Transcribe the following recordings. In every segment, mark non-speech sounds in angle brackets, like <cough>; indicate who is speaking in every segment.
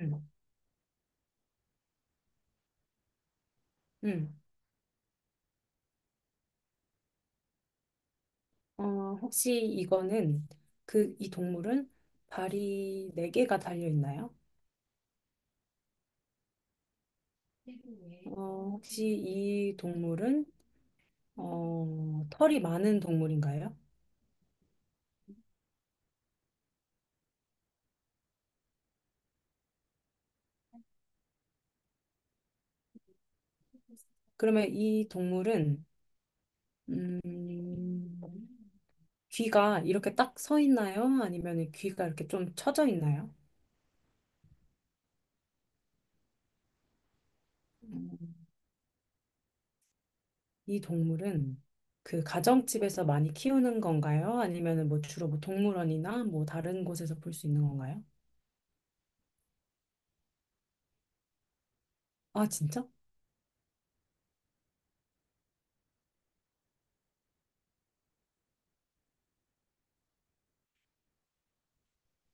Speaker 1: 음, 음. 혹시 이거는 이 동물은 발이 네개가 달려 있나요? 네. 혹시 이 동물은 털이 많은 동물인가요? 그러면 이 동물은 음, 귀가 이렇게 딱 서 있나요? 아니면 귀가 이렇게 좀 처져 있나요? 음, 이 동물은 그 가정집에서 많이 키우는 건가요? 아니면 뭐 주로 뭐 동물원이나 뭐 다른 곳에서 볼 수 있는 건가요? 아, 진짜?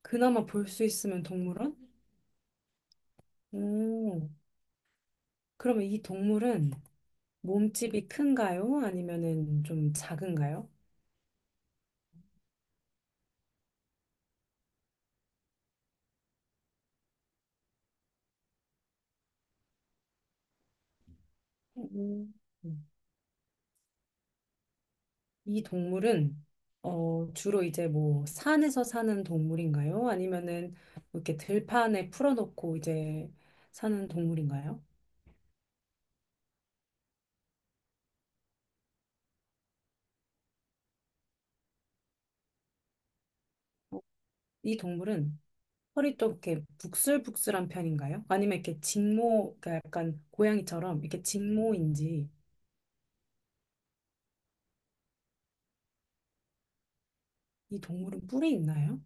Speaker 1: 그나마 볼 수 있으면 동물원? 오, 그러면 이 동물은 몸집이 큰가요? 아니면은 좀 작은가요? 오, 이 동물은 주로 이제 뭐 산에서 사는 동물인가요? 아니면은 뭐 이렇게 들판에 풀어놓고 이제 사는 동물인가요? 어, 이 동물은 허리 좀 이렇게 북슬북슬한 편인가요? 아니면 이렇게 직모, 그러니까 약간 고양이처럼 이렇게 직모인지. 이 동물은 뿔이 있나요?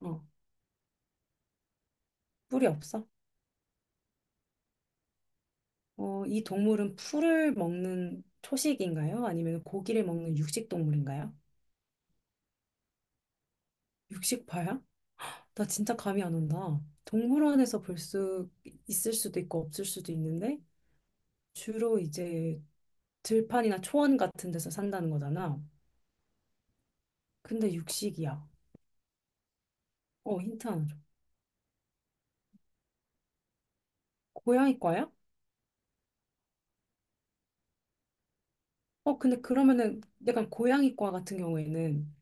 Speaker 1: 어, 뿔이 없어? 이 동물은 풀을 먹는 초식인가요? 아니면 고기를 먹는 육식 동물인가요? 육식파야? 나 진짜 감이 안 온다. 동물원에서 볼 수 있을 수도 있고 없을 수도 있는데 주로 이제 들판이나 초원 같은 데서 산다는 거잖아. 근데 육식이야. 어, 힌트 하나 줘. 고양이과야? 어, 근데 그러면은 약간 고양이과 같은 경우에는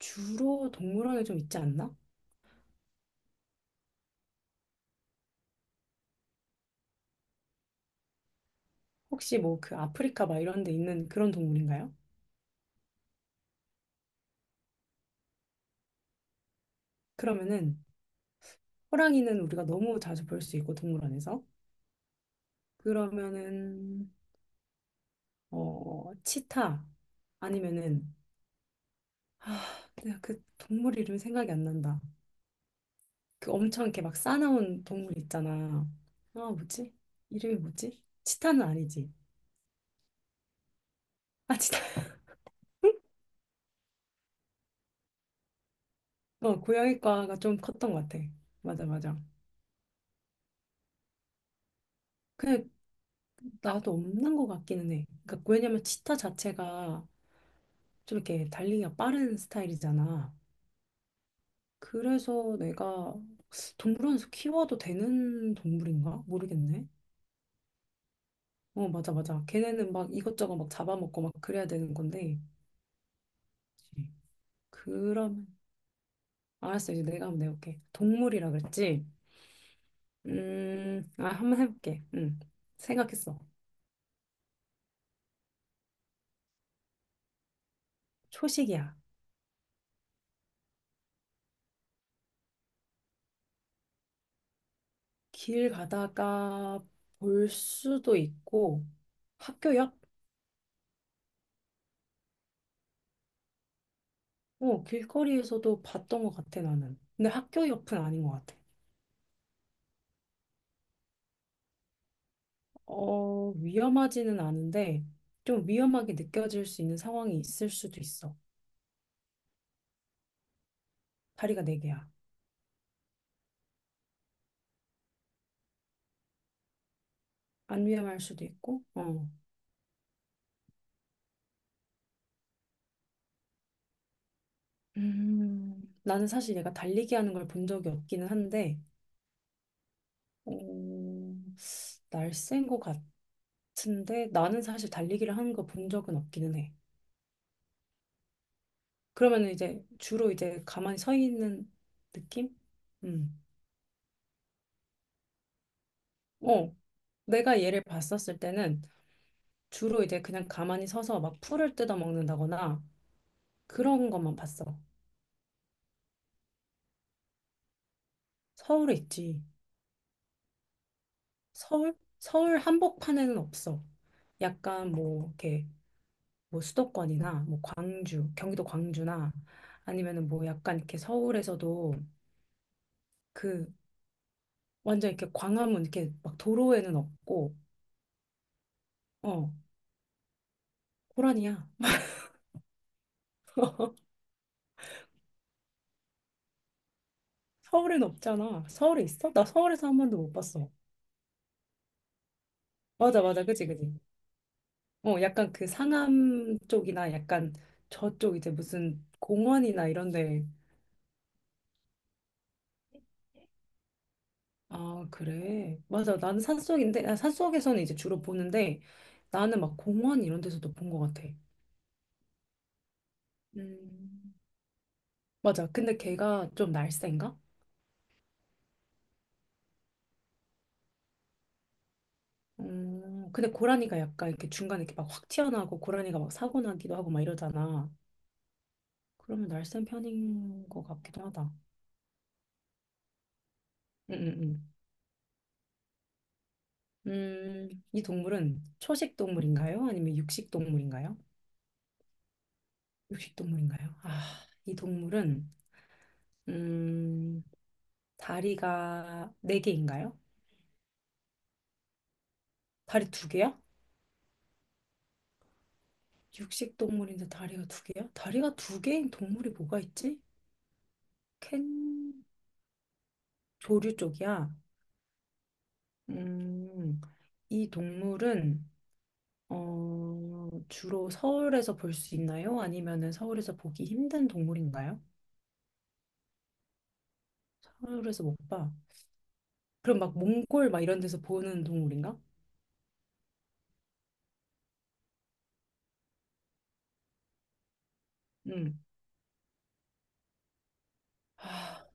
Speaker 1: 주로 동물원에 좀 있지 않나? 혹시 뭐 그 아프리카 막 이런 데 있는 그런 동물인가요? 그러면은 호랑이는 우리가 너무 자주 볼 수 있고 동물원에서. 그러면은 치타 아니면은, 아 내가 그 동물 이름이 생각이 안 난다. 그 엄청 이렇게 막 싸나운 동물 있잖아. 아 뭐지. 이름이 뭐지. 치타는 아니지. 아 치타. <laughs> 어 고양이과가 좀 컸던 것 같아. 맞아 맞아. 근데 나도 없는 것 같기는 해. 그러니까 왜냐면 치타 자체가 좀 이렇게 달리기가 빠른 스타일이잖아. 그래서 내가 동물원에서 키워도 되는 동물인가? 모르겠네. 어, 맞아, 맞아. 걔네는 막 이것저것 막 잡아먹고 막 그래야 되는 건데. 그치. 그럼, 알았어. 이제 내가 한번 내볼게. 동물이라 그랬지? 아, 한번 해볼게. 응. 생각했어. 초식이야. 길 가다가 볼 수도 있고, 학교 옆? 어, 길거리에서도 봤던 것 같아, 나는. 근데 학교 옆은 아닌 것 같아. 어, 위험하지는 않은데 좀 위험하게 느껴질 수 있는 상황이 있을 수도 있어. 다리가 네 개야. 안 위험할 수도 있고. 어. 나는 사실 얘가 달리기 하는 걸 본 적이 없기는 한데 어, 날쌘 것 같은데 나는 사실 달리기를 하는 거 본 적은 없기는 해. 그러면 은 이제 주로 이제 가만히 서 있는 느낌? 음. 어. 내가 얘를 봤었을 때는 주로 이제 그냥 가만히 서서 막 풀을 뜯어 먹는다거나 그런 것만 봤어. 서울에 있지. 서울? 서울 한복판에는 없어. 약간 뭐 이렇게 뭐 수도권이나 뭐 광주, 경기도 광주나 아니면은 뭐 약간 이렇게 서울에서도, 그 완전 이렇게 광화문 이렇게 막 도로에는 없고. 어 고라니야. <laughs> 서울엔 없잖아. 서울에 있어? 나 서울에서 한 번도 못 봤어. 맞아 맞아 그지 그지. 어 약간 그 상암 쪽이나 약간 저쪽 이제 무슨 공원이나 이런 데. 아, 그래. 맞아. 나는 산속인데, 아, 산속에서는 이제 주로 보는데, 나는 막 공원 이런 데서도 본 것 같아. 음, 맞아. 근데 걔가 좀 날쌘가? 근데 고라니가 약간 이렇게 중간에 이렇게 막 확 튀어나오고 고라니가 막 사고 나기도 하고 막 이러잖아. 그러면 날쌘 편인 것 같기도 하다. 응, 응, 응. 이 동물은 초식 동물인가요? 아니면 육식 동물인가요? 육식 동물인가요? 아, 이 동물은 음, 다리가 네 개인가요? 다리 두 개야? 육식 동물인데 다리가 두 개야? 다리가 두 개인 동물이 뭐가 있지? 캥. 조류 쪽이야. 음, 이 동물은 주로 서울에서 볼 수 있나요? 아니면은 서울에서 보기 힘든 동물인가요? 서울에서 못 봐. 그럼 막 몽골 막 이런 데서 보는 동물인가? 음. 아,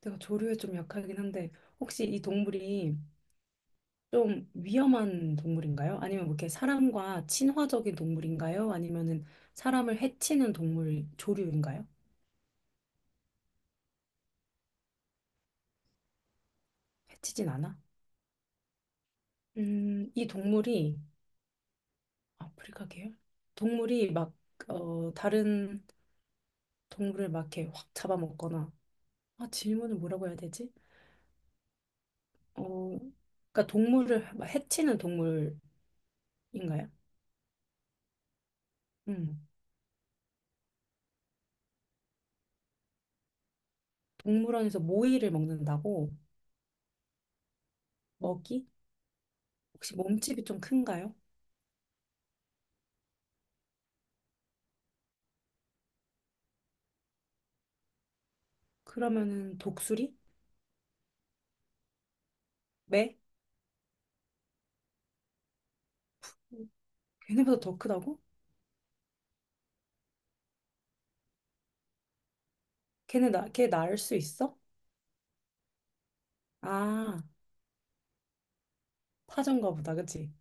Speaker 1: 내가 조류에 좀 약하긴 한데 혹시 이 동물이 좀 위험한 동물인가요? 아니면 뭐 이렇게 사람과 친화적인 동물인가요? 아니면은 사람을 해치는 동물 조류인가요? 해치진 않아? 이 동물이 아프리카 계열? 동물이 막 다른 동물을 막 이렇게 확 잡아먹거나. 아, 질문을 뭐라고 해야 되지? 어, 그러니까 동물을 막 해치는 동물인가요? 음, 동물원에서 모이를 먹는다고. 먹이? 혹시 몸집이 좀 큰가요? 그러면은 독수리? 매? 걔네보다 더 크다고? 걔네 나, 걔 낳을 수 있어? 아, 타조인가 보다, 그치?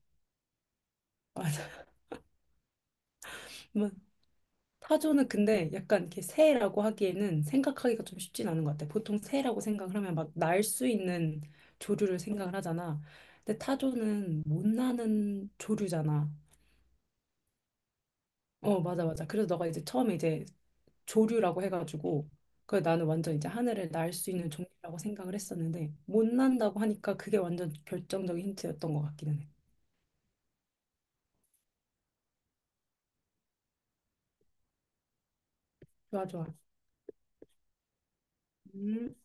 Speaker 1: 맞아. <laughs> 뭐, 타조는 근데 약간 이렇게 새라고 하기에는 생각하기가 좀 쉽진 않은 것 같아. 보통 새라고 생각을 하면 막 날 수 있는 조류를 생각을 하잖아. 근데 타조는 못 나는 조류잖아. 어, 맞아, 맞아. 그래서 너가 이제 처음에 이제 조류라고 해가지고, 그 나는 완전 이제 하늘을 날 수 있는 종류라고 생각을 했었는데, 못 난다고 하니까 그게 완전 결정적인 힌트였던 것 같기는 해. 좋아, 좋아. 음.